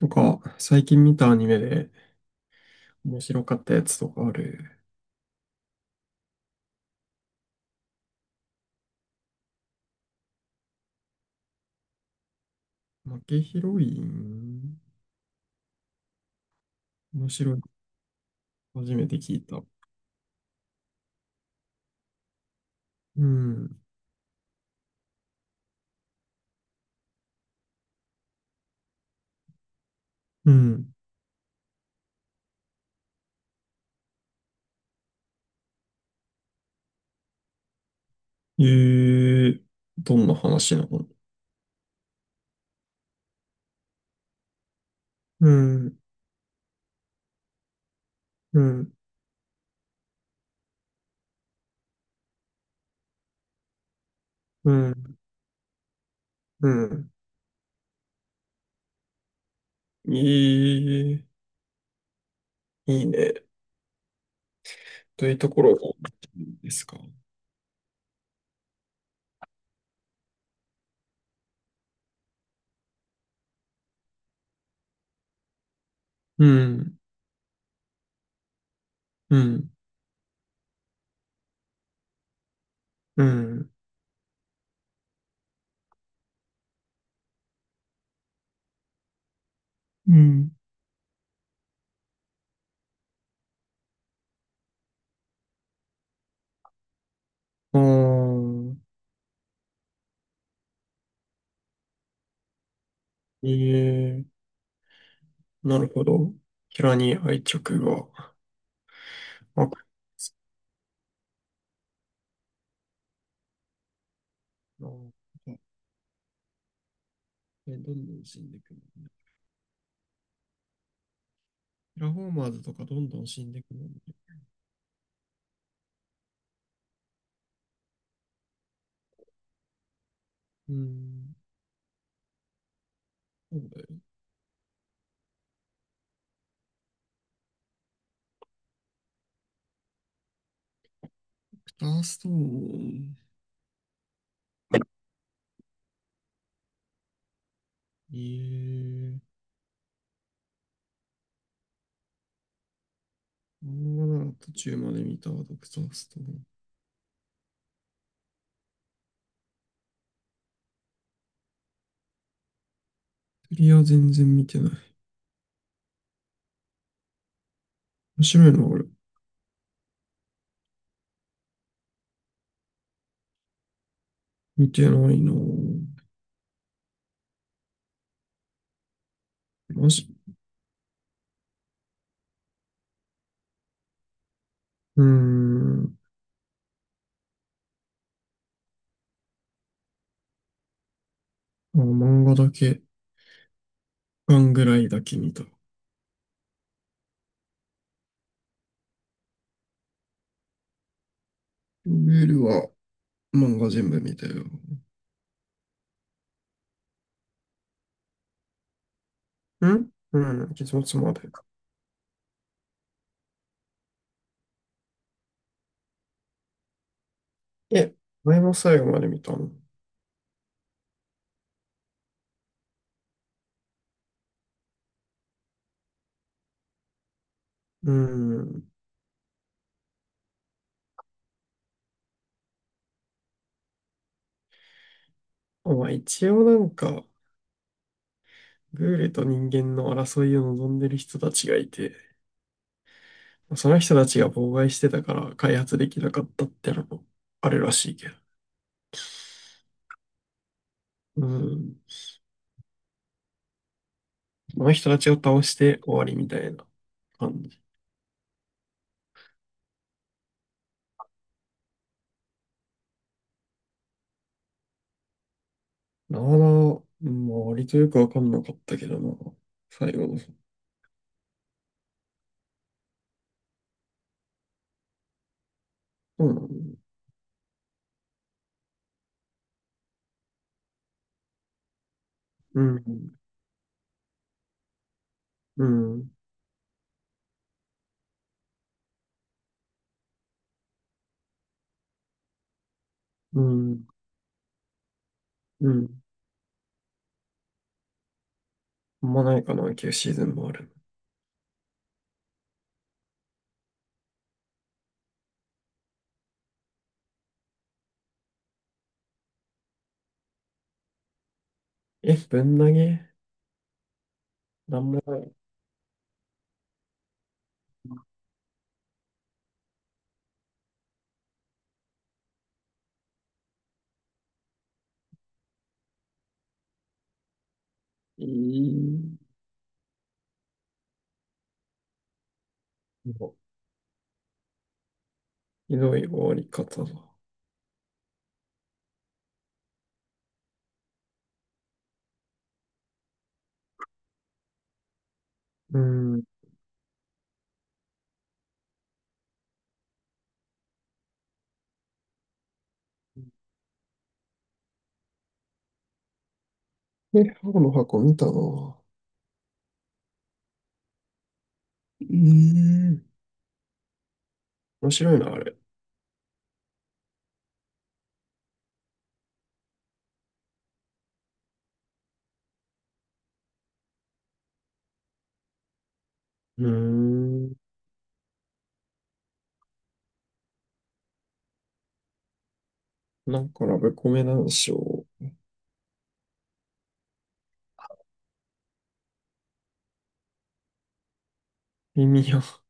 なんか、最近見たアニメで面白かったやつとかある？負けヒロイン面白い。初めて聞いた。うん。うん。えー、どんな話なの？うん。うん。うん。うん。えー、いいね。どういうところが好きですか？うん。うん。うん。うん。あー、えー、なるほど。キャラに愛着が。あ、そう。ね、どんどん死んでいくもんね。テラフォーマーズとかどんどん死んでいくもんね。うーん。そうだよ。クターストーン。ええ、漫画なら途中まで見たわ、ドクターストーン。クリア全然見てない。面白いな、俺。見てないな。マジ？うーん。あ、漫画だけ、巻ぐらいだけ見た。ルールは漫画全部見たよ。んうん、結末まで。え、前も最後まで見たの。うーん。まあ一応なんか、グールと人間の争いを望んでる人たちがいて、その人たちが妨害してたから開発できなかったってのもあるらしいけど。うん。その人たちを倒して終わりみたいな感じ。なあなあ、まあ割とよくわかんなかったけどな、最後の。そうなんうん。うん。うん。うん。あんまないかな、旧シーズンもある。え、ぶん投げ、なんもない。いい。ひどい終わり方だ。うん。え、青の箱見たな。うーん。面白いな、あれ。うーん。なんかラブコメなんでしょう。リミア、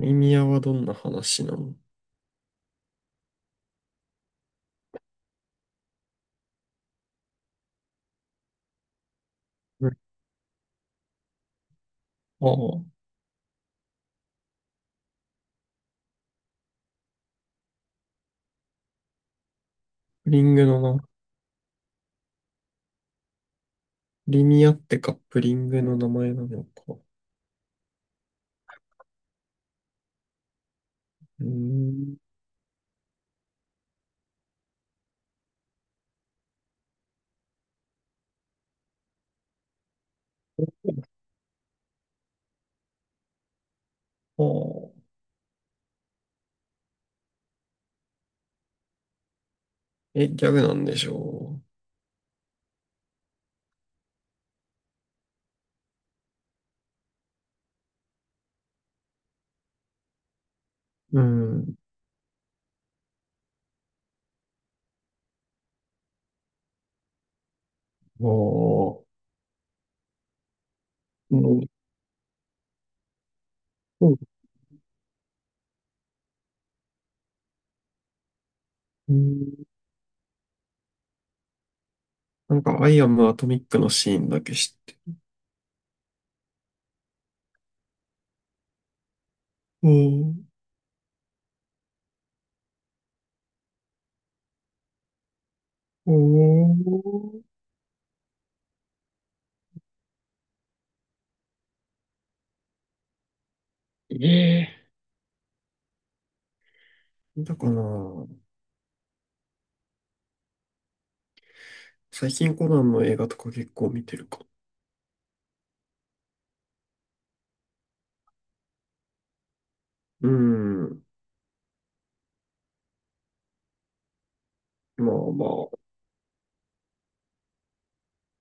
リミアはどんな話なの？うんああ、プリングのな、リミアってカップリングの名前なのか。うーん。ああ、え、ギャグなんでしょう。うん。ああ、うん。うん、なんか、アイアムアトミックのシーンだけ知って。うん。おー、ええだから、最近コナンの映画とか結構見てるか。うん。まあまあ。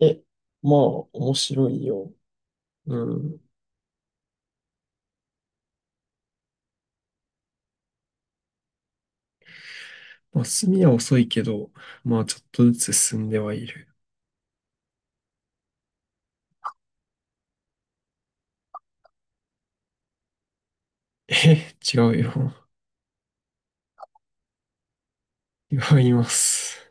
え、まあ、面白いよ。うん。まあ、進みは遅いけど、まあ、ちょっとずつ進んではいる。え、違うよ。違います。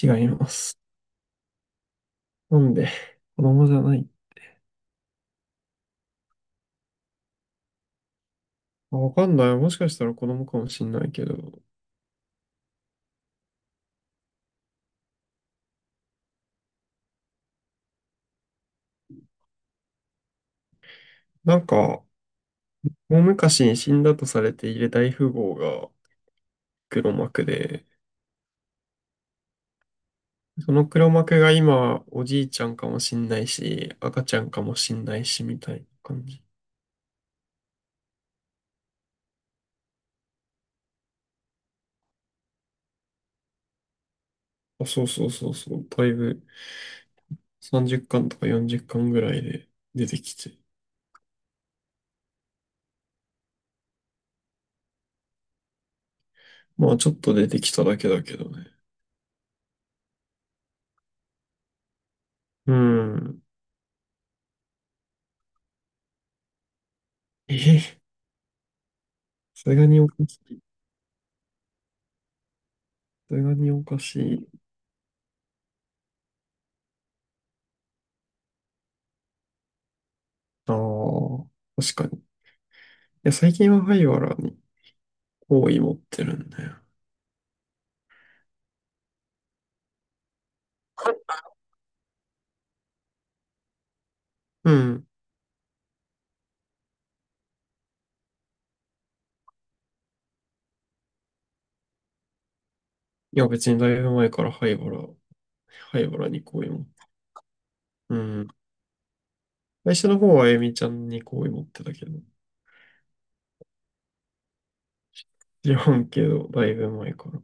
違います。なんで、子供じゃない。あ、わかんない。もしかしたら子供かもしんないけど。なんか、大昔に死んだとされている大富豪が黒幕で、その黒幕が今、おじいちゃんかもしんないし、赤ちゃんかもしんないし、みたいな感じ。あ、そうそうそうそう。だいぶ30巻とか40巻ぐらいで出てきて。まあ、ちょっと出てきただけだけどね。うん。え、さすがにおかしい。さすがにおかしい。ああ、確かに。いや、最近は灰原に好意持ってるんだよ。うん。いや、別にだいぶ前から灰原、灰原に好意持ってる。うん。最初の方はあゆみちゃんに好意持ってたけど、知らんけど、だいぶ前から。